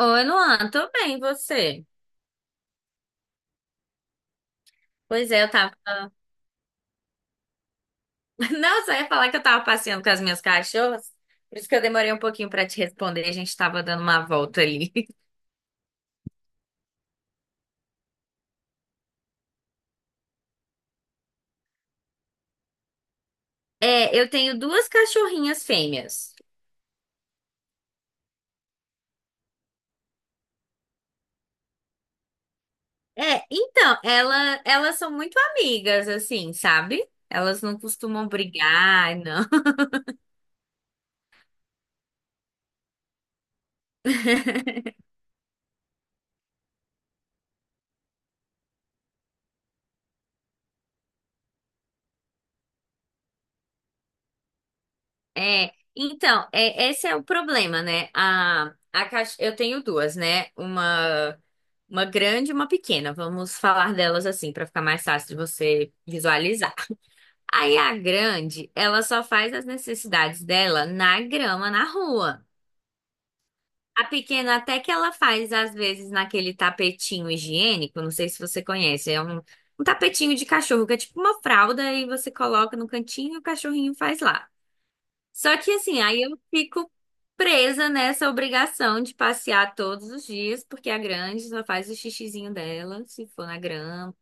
Oi, Luan, tudo bem, e você? Pois é, eu tava. Não, só ia falar que eu tava passeando com as minhas cachorras, por isso que eu demorei um pouquinho pra te responder, a gente tava dando uma volta ali. É, eu tenho duas cachorrinhas fêmeas. É, então, elas são muito amigas, assim, sabe? Elas não costumam brigar, não. É, então, é, esse é o problema, né? A caixa, eu tenho duas, né? Uma grande e uma pequena. Vamos falar delas assim, para ficar mais fácil de você visualizar. Aí a grande, ela só faz as necessidades dela na grama, na rua. A pequena até que ela faz, às vezes, naquele tapetinho higiênico, não sei se você conhece, é um, um tapetinho de cachorro, que é tipo uma fralda e você coloca no cantinho e o cachorrinho faz lá. Só que assim, aí eu fico presa nessa obrigação de passear todos os dias, porque a grande só faz o xixizinho dela, se for na grama.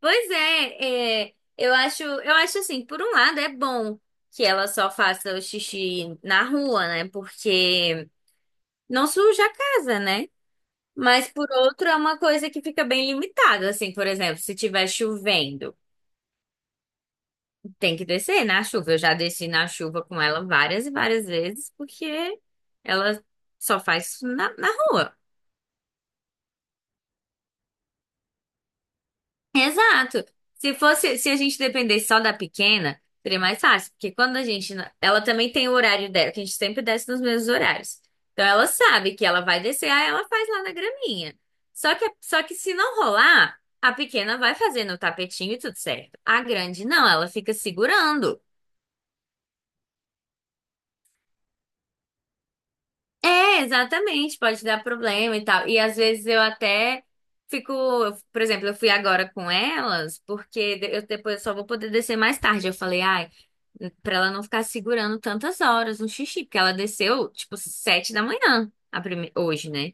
Pois é, é, eu acho assim, por um lado é bom que ela só faça o xixi na rua, né? Porque não suja a casa, né? Mas por outro é uma coisa que fica bem limitada, assim, por exemplo, se tiver chovendo. Tem que descer na chuva. Eu já desci na chuva com ela várias e várias vezes, porque ela só faz isso na, na rua. Exato. Se fosse, se a gente dependesse só da pequena, seria mais fácil, porque quando a gente, não- ela também tem o horário dela, que a gente sempre desce nos mesmos horários. Então ela sabe que ela vai descer, aí ela faz lá na graminha. Só que se não rolar, a pequena vai fazendo o tapetinho e tudo certo. A grande não, ela fica segurando. É, exatamente, pode dar problema e tal. E às vezes eu até fico, por exemplo, eu fui agora com elas, porque eu depois só vou poder descer mais tarde. Eu falei, ai, pra ela não ficar segurando tantas horas no xixi, porque ela desceu tipo sete da manhã, hoje, né?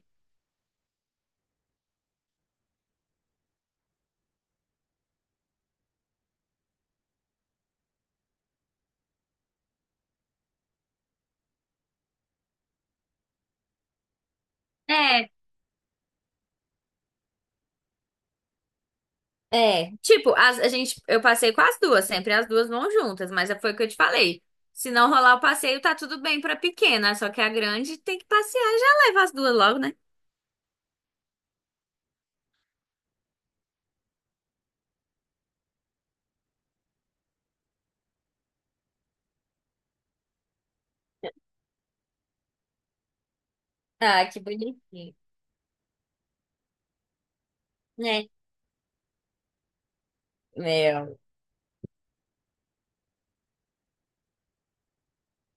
É, é. Tipo, a gente, eu passei com as duas, sempre as duas vão juntas, mas foi o que eu te falei. Se não rolar o passeio, tá tudo bem pra pequena, só que a grande tem que passear, já leva as duas logo, né? Ah, que bonitinho. Meu.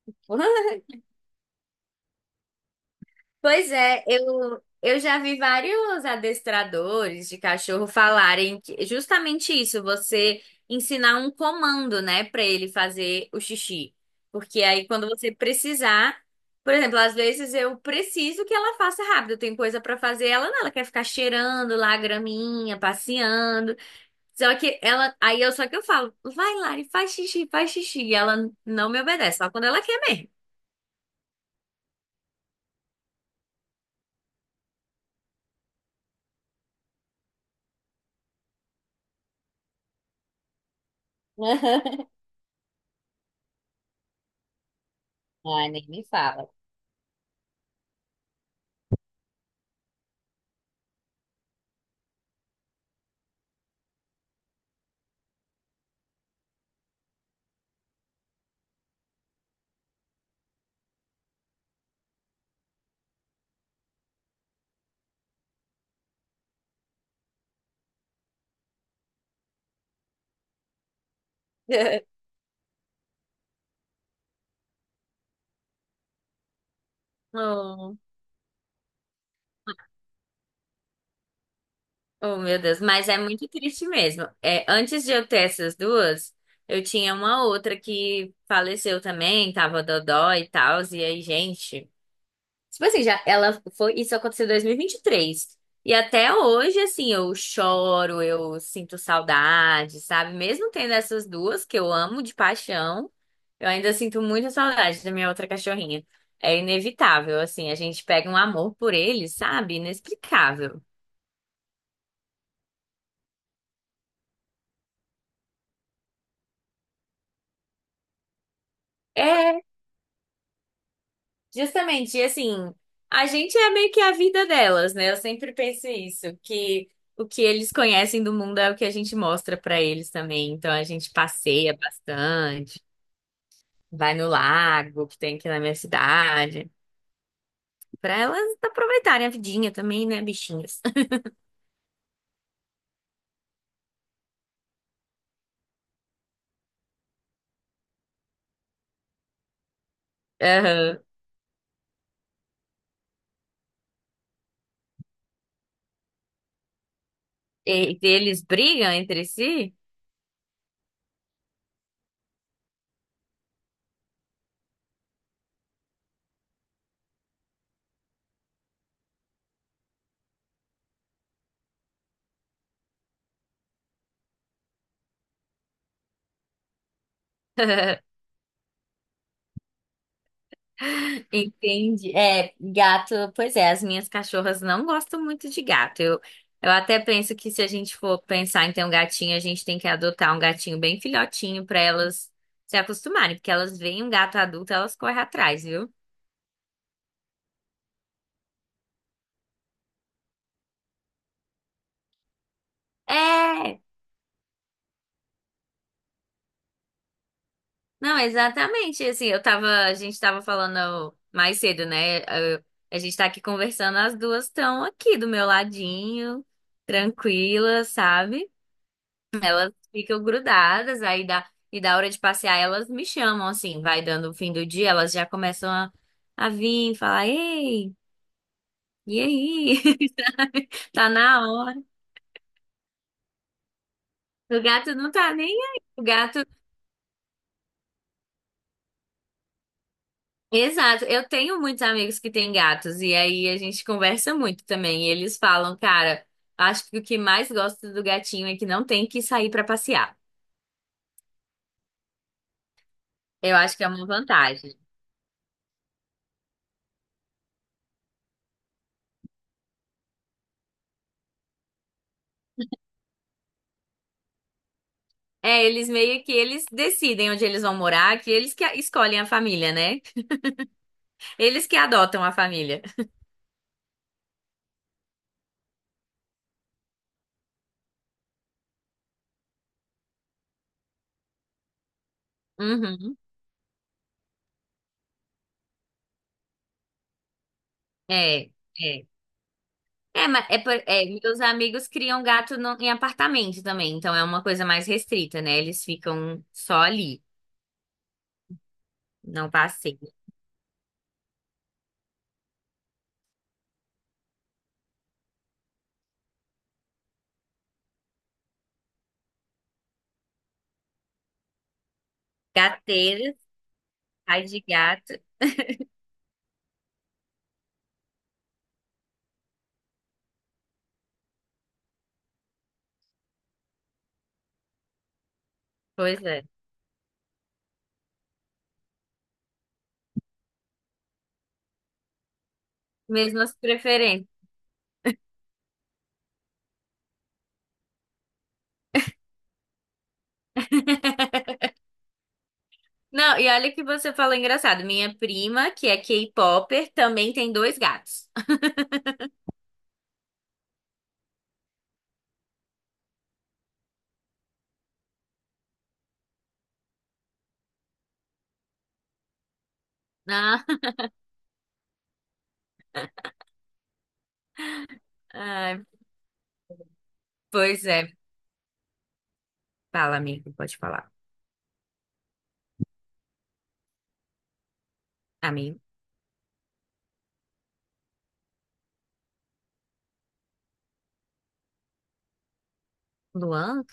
Pois é, eu já vi vários adestradores de cachorro falarem que justamente isso, você ensinar um comando, né, para ele fazer o xixi. Porque aí quando você precisar, por exemplo, às vezes eu preciso que ela faça rápido, tem coisa para fazer, ela não, ela quer ficar cheirando lá a graminha, passeando. Só que ela, aí eu só que eu falo, vai Lari, faz xixi, e ela não me obedece, só quando ela quer mesmo. Ai, nem me fala. Oh, oh, meu Deus, mas é muito triste mesmo. É, antes de eu ter essas duas, eu tinha uma outra que faleceu também, tava dodó e tal, e aí, gente. Tipo assim, já ela foi, isso aconteceu em dois mil e vinte e três. E até hoje, assim, eu choro, eu sinto saudade, sabe? Mesmo tendo essas duas que eu amo de paixão, eu ainda sinto muita saudade da minha outra cachorrinha. É inevitável, assim, a gente pega um amor por eles, sabe? Inexplicável. É, justamente, e assim, a gente é meio que a vida delas, né? Eu sempre penso isso, que o que eles conhecem do mundo é o que a gente mostra pra eles também. Então a gente passeia bastante, vai no lago que tem aqui na minha cidade, pra elas aproveitarem a vidinha também, né, bichinhas? Aham. E eles brigam entre si? Entendi. É, gato, pois é, as minhas cachorras não gostam muito de gato. Eu até penso que se a gente for pensar em ter um gatinho, a gente tem que adotar um gatinho bem filhotinho para elas se acostumarem, porque elas veem um gato adulto, elas correm atrás, viu? É, não, exatamente. Assim, eu tava, a gente tava falando mais cedo, né? Eu- a gente tá aqui conversando, as duas estão aqui do meu ladinho, tranquilas, sabe? Elas ficam grudadas, aí dá, e da hora de passear, elas me chamam, assim, vai dando o fim do dia, elas já começam a vir, falar, ei, e aí? Sabe? Tá na hora. O gato não tá nem aí. O gato. Exato. Eu tenho muitos amigos que têm gatos, e aí a gente conversa muito também. E eles falam, cara, acho que o que mais gosto do gatinho é que não tem que sair pra passear. Eu acho que é uma vantagem. É, eles meio que eles decidem onde eles vão morar, que eles que escolhem a família, né? Eles que adotam a família. Uhum. É, é. É, mas é, é, meus amigos criam gato em apartamento também, então é uma coisa mais restrita, né? Eles ficam só ali, não passeiam. Gateiras, ai de gato, pois é. Mesmas preferências. Não, e olha que você falou engraçado. Minha prima, que é K-popper, também tem dois gatos. Ah, ai, pois é. Fala, amigo, pode falar. Amigo? Luan?